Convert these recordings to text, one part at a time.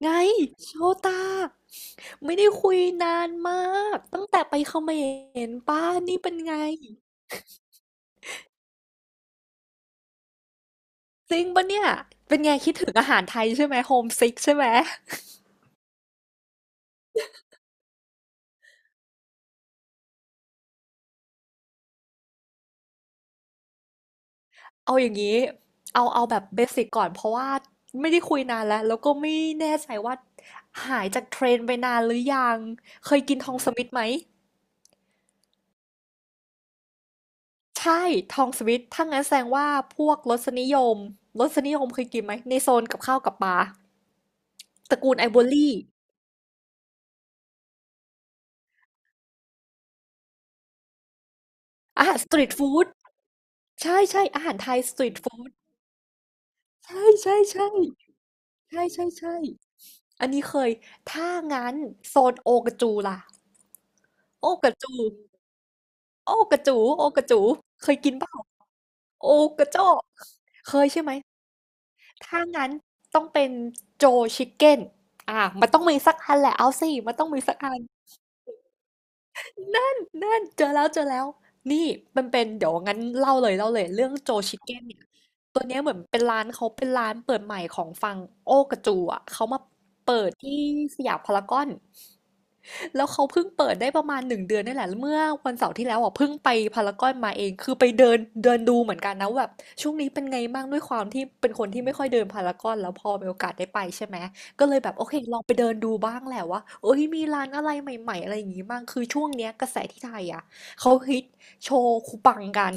ไงโชตาไม่ได้คุยนานมากตั้งแต่ไปเขมรป้านี่เป็นไงจริงปะเนี่ยเป็นไงคิดถึงอาหารไทยใช่ไหมโฮมซิกใช่ไหมเอาอย่างนี้เอาแบบเบสิกก่อนเพราะว่าไม่ได้คุยนานแล้วแล้วก็ไม่แน่ใจว่าหายจากเทรนไปนานหรือยังเคยกินทองสมิธไหมใช่ทองสมิธถ้างั้นแสดงว่าพวกรสนิยมเคยกินไหมในโซนกับข้าวกับปลาตระกูลไอ o ว r รี่อาหารสตรีทฟู้ด ใช่ใช่อาหารไทยสตรีตฟูดใช่ๆๆใช่ๆๆอันนี้เคยถ้างั้นโซนโอกาจูล่ะโอกาจูโอกระจูเคยกินเปล่าโอกาจ้อกเคยใช่ไหมถ้างั้นต้องเป็นโจชิคเก้นอามันต้องมีสักอันแหละเอาสิมันต้องมีสักอัน นั่นเจอแล้วนี่มันเป็นเดี๋ยวงั้นเล่าเลยเรื่องโจชิเก้นเนี่ยตัวเนี้ยเหมือนเป็นร้านเขาเป็นร้านเปิดใหม่ของฝั่งโอ้กระจูอ่ะเขามาเปิดที่สยามพารากอน แล้วเขาเพิ่งเปิดได้ประมาณ1เดือนนี่แหละแล้วเมื่อวันเสาร์ที่แล้วอ่ะเพิ่งไปพารากอนมาเองคือไปเดินเดินดูเหมือนกันนะว่าแบบช่วงนี้เป็นไงบ้างด้วยความที่เป็นคนที่ไม่ค่อยเดินพารากอนแล้วพอมีโอกาสได้ไปใช่ไหมก็เลยแบบโอเคลองไปเดินดูบ้างแหละว่าเอ้ยมีร้านอะไรใหม่ๆอะไรอย่างงี้บ้างคือช่วงเนี้ยกระแสที่ไทยอ่ะเขาฮิตโชคุปังกัน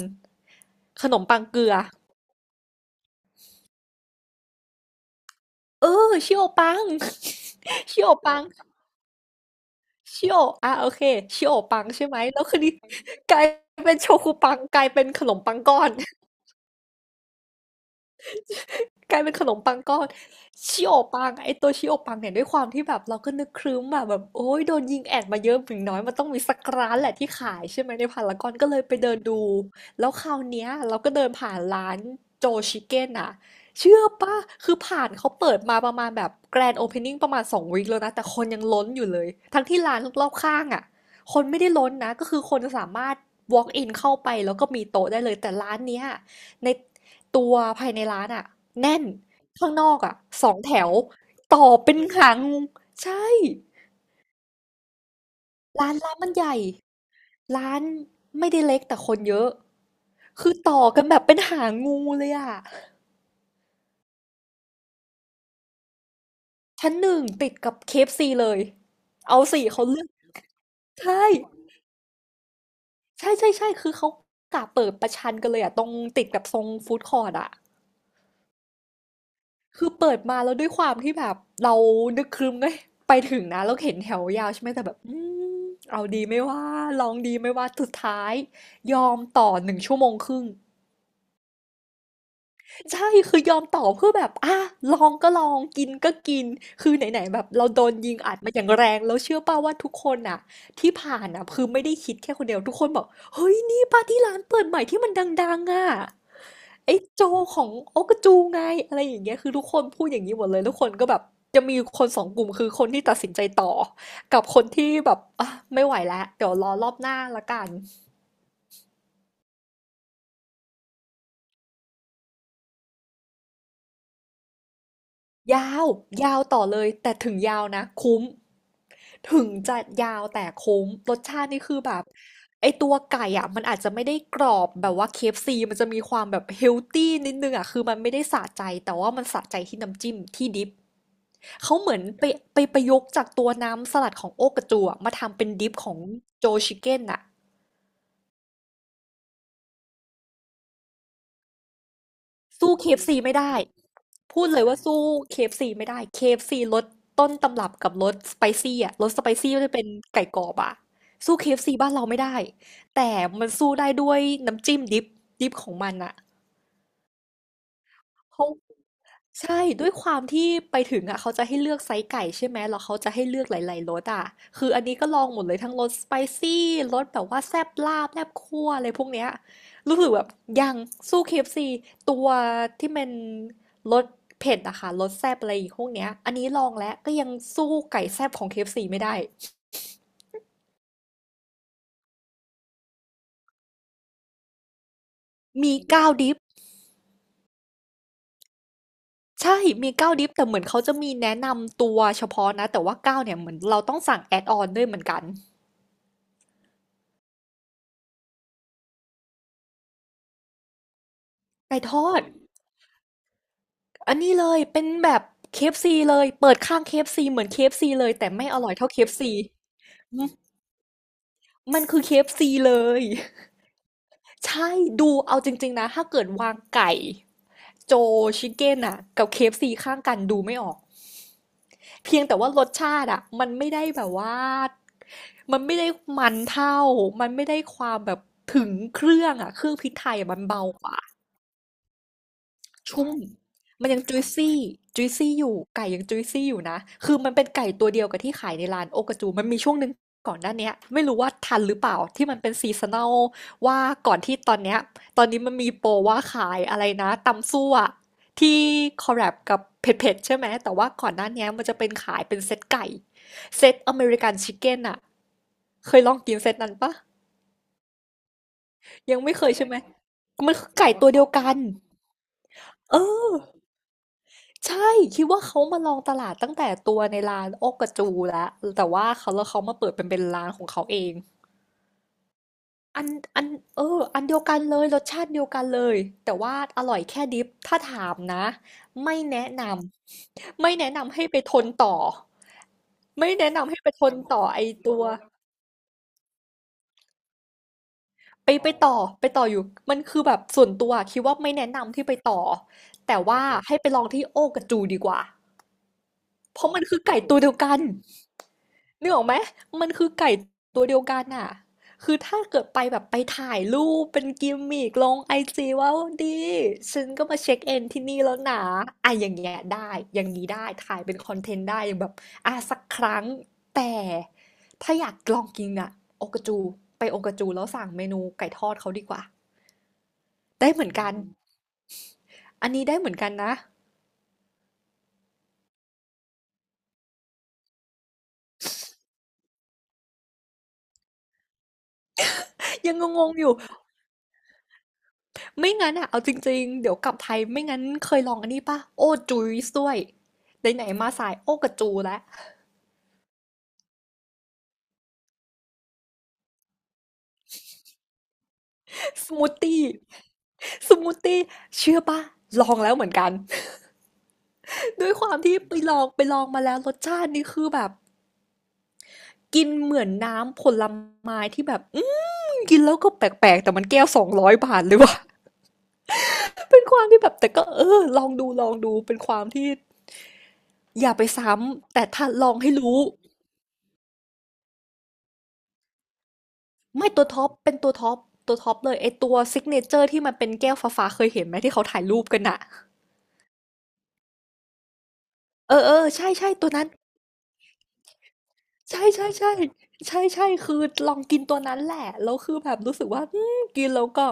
ขนมปังเกลือเออชิโอปัง ชิโอปัง ชิโออ่ะโอเคชิโอปังใช่ไหม แล้วคืนนี้ กลายเป็นโชกุปังกลายเป็นขนมปังก้อน กลายเป็นขนมปังก้อนชิโอปังอะไอตัวชิโอปังเนี่ยด้วยความที่แบบเราก็นึกครึ้มอะแบบโอ้ยโดนยิงแอดมาเยอะถึงน้อยมันต้องมีสักร้านแหละที่ขายใช่ไหมในพารากอนก็เลยไปเดินดูแล้วคราวเนี้ยเราก็เดินผ่านร้านโจชิเก้นอะเชื่อปะคือผ่านเขาเปิดมาประมาณแบบแกรนด์โอเพนนิ่งประมาณสองวีคแล้วนะแต่คนยังล้นอยู่เลยทั้งที่ร้านรอบข้างอะคนไม่ได้ล้นนะก็คือคนสามารถ walk in เข้าไปแล้วก็มีโต๊ะได้เลยแต่ร้านเนี้ยใน ตัวภายในร้านอะแน่นข้างนอกอะสองแถวต่อเป็นหางงูใช่ร้านมันใหญ่ร้านไม่ได้เล็กแต่คนเยอะคือต่อกันแบบเป็นหางงูเลยอ่ะชั้นหนึ่งติดกับเคเอฟซีเลยเอาสี่เขาเลือกใช่ใช่ใช่ใช่คือเขากะเปิดประชันกันเลยอะตรงติดกับทรงฟู้ดคอร์ดอะ คือเปิดมาแล้วด้วยความที่แบบเรานึกครึ้มไงไปถึงนะแล้วเห็นแถวยาวใช่ไหมแต่แบบอืมเอาดีไม่ว่าลองดีไม่ว่าสุดท้ายยอมต่อหนึ่งชั่วโมงครึ่งใช่คือยอมต่อเพื่อแบบอ่ะลองก็ลองกินก็กินคือไหนๆแบบเราโดนยิงอัดมาอย่างแรงแล้วเชื่อป่าวว่าทุกคนอ่ะที่ผ่านอ่ะคือไม่ได้คิดแค่คนเดียวทุกคนบอกเฮ้ยนี่ปาร์ตี้ร้านเปิดใหม่ที่มันดังๆอ่ะ ไอ้โจของโอ๊กกจูไงอะไรอย่างเงี้ยคือทุกคนพูดอย่างนี้หมดเลยทุกคนก็แบบจะมีคนสองกลุ่มคือคนที่ตัดสินใจต่อกับคนที่แบบอ่ะไม่ไหวแล้วเดี๋ยวรอบหน้าละกันยาวยาวต่อเลยแต่ถึงยาวนะคุ้มถึงจะยาวแต่คุ้มรสชาตินี่คือแบบไอตัวไก่อ่ะมันอาจจะไม่ได้กรอบแบบว่า KFC มันจะมีความแบบเฮลตี้นิดนึงอ่ะคือมันไม่ได้สะใจแต่ว่ามันสะใจที่น้ำจิ้มที่ดิป เขาเหมือนไปประยุกต์จากตัวน้ำสลัดของโอ๊กกระจัวมาทำเป็นดิปของโจชิเก้นน่ะสู้เคเอฟ f c ไม่ได้พูดเลยว่าสู้เคเอฟ f c ไม่ได้เคเอฟ f c รสต้นตำรับกับรสสไปซี่อ่ะรสสไปซี่จะเป็นไก่กรอบอ่ะสู้เคเอฟ f c บ้านเราไม่ได้แต่มันสู้ได้ด้วยน้ำจิ้มดิปของมันอ่ะเขา ใช่ด้วยความที่ไปถึงอ่ะเขาจะให้เลือกไซส์ไก่ใช่ไหมแล้วเขาจะให้เลือกหลายๆรสอ่ะคืออันนี้ก็ลองหมดเลยทั้งรสสไปซี่รสแบบว่าแซ่บลาบแซ่บคั่วอะไรพวกเนี้ยรู้สึกแบบยังสู้ KFC ตัวที่เป็นรสเผ็ดอะค่ะรสแซ่บอะไรอีกพวกเนี้ยอันนี้ลองแล้วก็ยังสู้ไก่แซ่บของ KFC ไม่ได้มีเก้าวดิฟใช่มีเก้าวดิฟแต่เหมือนเขาจะมีแนะนำตัวเฉพาะนะแต่ว่าเก้าวเนี่ยเหมือนเราต้องสั่งแอดออนด้วยเหมือนกันไก่ทอด อันนี้เลยเป็นแบบเคเอฟซีเลยเปิดข้างเคเอฟซีเหมือนเคเอฟ f ีเลยแต่ไม่อร่อยเท่า KFC มมันคือ k f ีเลยใช่ดูเอาจริงๆนะถ้าเกิดวางไก่โจชิคเก้นอะกับเคเอฟซีข้างกันดูไม่ออกเพียงแต่ว่ารสชาติอะมันไม่ได้แบบว่ามันไม่ได้มันเท่ามันไม่ได้ความแบบถึงเครื่องอะเครื่องพริกไทยอะมันเบากว่า ชุ่มมันยังจุยซี่จุยซี่อยู่ไก่ยังจุยซี่อยู่นะคือมันเป็นไก่ตัวเดียวกับที่ขายในร้านโอกาจูมันมีช่วงหนึ่งก่อนหน้าเนี้ยไม่รู้ว่าทันหรือเปล่าที่มันเป็นซีซัน a ลว่าก่อนที่ตอนเนี้ยตอนนี้มันมีโปรว่าขายอะไรนะตำซั่วที่คอลแลบกับเผ็ดๆใช่ไหมแต่ว่าก่อนหน้าเนี้ยมันจะเป็นขายเป็นเซตไก่เซตอเมริกันชิคเก้นอะเคยลองกินเซตนั้นปะยังไม่เคยใช่ไหมมันคือไก่ตัวเดียวกันเออ ใช่คิดว่าเขามาลองตลาดตั้งแต่ตัวในร้านโอกระจูแล้วแต่ว่าเขาแล้วเขามาเปิดเป็นร้านของเขาเองอันอันเอออันเดียวกันเลยรสชาติเดียวกันเลยแต่ว่าอร่อยแค่ดิฟถ้าถามนะไม่แนะนำไม่แนะนำให้ไปทนต่อไม่แนะนำให้ไปทนต่อไอตัวไปไปต่อไปต่ออยู่มันคือแบบส่วนตัวคิดว่าไม่แนะนำที่ไปต่อแต่ว่าให้ไปลองที่โอกระจูดีกว่าเพราะมันคือไก่ตัวเดียวกัน นึกออกไหม มันคือไก่ตัวเดียวกันน่ะ คือถ้าเกิดไปแบบไปถ่ายรูปเป็นกิมมิกลงไอจีว่าดี ฉันก็มาเช็คเอนที่นี่แล้วนะอ่ะอย่างเงี้ยได้อย่างนี้ได้ถ่ายเป็นคอนเทนต์ได้อย่างแบบอ่ะสักครั้งแต่ถ้าอยากลองกินอ่ะโอกาจูไปโอกาจูแล้วสั่งเมนูไก่ทอดเขาดีกว่า ได้เหมือนกัน อันนี้ได้เหมือนกันนะ ยังงงๆอยู่ ไม่งั้นอะเอาจริงๆ เดี๋ยวกลับไทยไม่งั้นเคยลองอันนี้ป่ะโอ้จูซด้วยไหนๆมาสาย โอ้กับจูแล้วสมูทตี้สมูทตี้เชื่อป่ะลองแล้วเหมือนกัน ด้วยความที่ไปลองไปลองมาแล้วรสชาตินี่คือแบบกินเหมือนน้ำผลไม้ที่แบบ อืมกินแล้วก็แปลกๆ แต่มันแก้ว200 บาทเลยว่ะ เป็นความที่แบบแต่ก็เออลองดูลองดูเป็นความที่อย่าไปซ้ำแต่ถ้าลองให้รู้ ไม่ตัวท็อปเป็นตัวท็อปตัวท็อปเลยไอตัวซิกเนเจอร์ที่มันเป็นแก้วฟ้าๆเคยเห็นไหมที่เขาถ่ายรูปกันอะเออเออใช่ใช่ตัวนั้นใช่ใช่ใช่ใช่ใช่คือลองกินตัวนั้นแหละแล้วคือแบบรู้สึกว่าอืมกินแล้วก็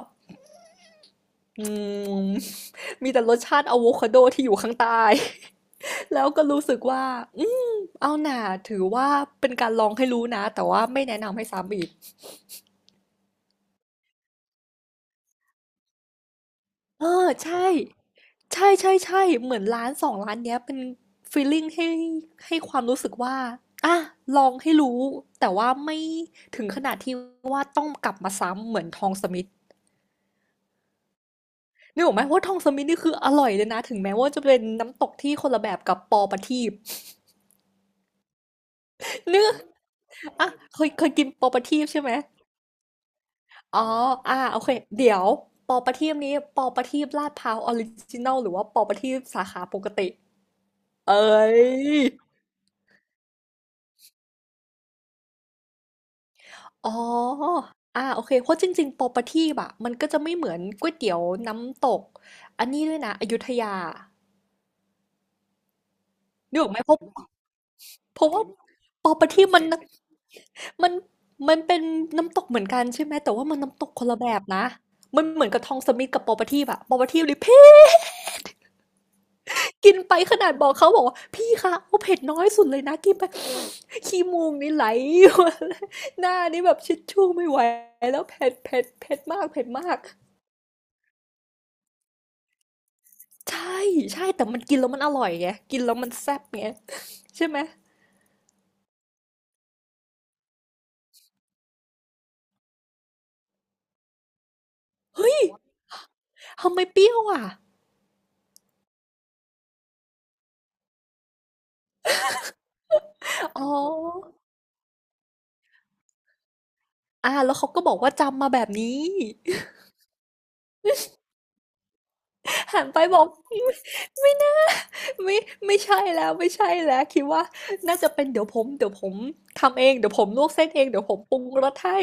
อืมมีแต่รสชาติอะโวคาโดที่อยู่ข้างใต้ แล้วก็รู้สึกว่าอืมเอาหน่าถือว่าเป็นการลองให้รู้นะแต่ว่าไม่แนะนำให้ซ้ำอีกเออใช่ ใช่ๆๆเหมือนร้าน2ร้านเนี้ยเป็นฟีลลิงให้ให้ความรู้สึกว่าอะลองให้รู้แต่ว่าไม่ถึงขนาดที่ว่าต้องกลับมาซ้ำเหมือนทองสมิธนึกออกไหมว่าทองสมิธนี่คืออร่อยเลยนะถึงแม้ว่าจะเป็นน้ำตกที่คนละแบบกับปอประทีปเนืกอาเคยเคยกินปอประทีปใช่ไหมอ๋ออะโอเคเดี๋ยวปอประทีปนี้ปอประทีปลาดพร้าวออริจินัลหรือว่าปอประทีปสาขาปกติเอ้ย อ๋ออาโอเคเพราะจริงๆ property อะมันก็จะไม่เหมือนก๋วยเตี๋ยวน้ำตกอันนี้ด้วยนะอยุธยานึกออกไหมเพราะเพราะว่า property มันมันเป็นน้ำตกเหมือนกันใช่ไหมแต่ว่ามันน้ำตกคนละแบบนะ มันเหมือนกับทองสมิธกับ property อะ property เลย เผ็ดกินไปขนาดบอกเขาบอกว่าพี่คะเอาเผ็ดน้อยสุดเลยนะกินไป ขี้มูกนี่ไหล หน้านี่แบบชิชชู่ไม่ไหวแล้วเผ็ดเผ็ดเผ็ดมากเผ็ดมาก ใช่ใช่แต่มันกินแล้วมันอร่อยไงกินแล้วมันแซ่บไง ใช่ไหมทำไมเปรี้ยวอ่ะอ๋ออ่าแล้วเขาก็บอกว่าจำมาแบบนี้ หันไปบอก ไม่น่าไม่ไม่ใช่แล้วไม่ใช่แล้ว คิดว่าน่าจะเป็นเดี๋ยวผมทำเองเดี๋ยวผมลวกเส้นเองเดี๋ยวผมปรุงรสให้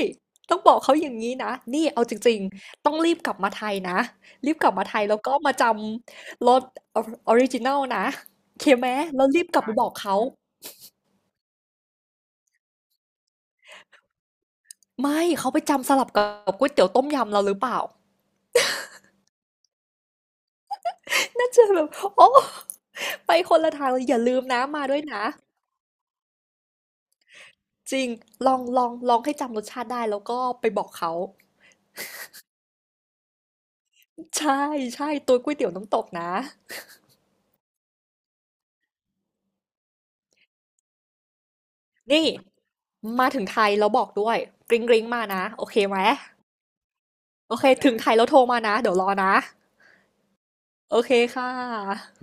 ต้องบอกเขาอย่างนี้นะ นี่ เอาจริงๆต้องรีบกลับมาไทยนะ รีบกลับมาไทยแล้วก็มาจำรสออริจินัลนะโอเคไหมแล้วรีบกลับไปบอกเขา ไม่เขาไปจำสลับกับก๋วยเตี๋ยวต้มยำเราหรือเปล่าน่าจะแบบโอ้ไปคนละทางเลยอย่าลืมนะมาด้วยนะจริงลองลองลองให้จำรสชาติได้แล้วก็ไปบอกเขาใช่ใช่ตัวก๋วยเตี๋ยวน้ำตกนะนี่มาถึงไทยแล้วบอกด้วยกริ๊งกริ๊งมานะโอเคไหมโอเคถึงไทยแล้วโทรมานะเดี๋ยวรอนะโอเคค่ะ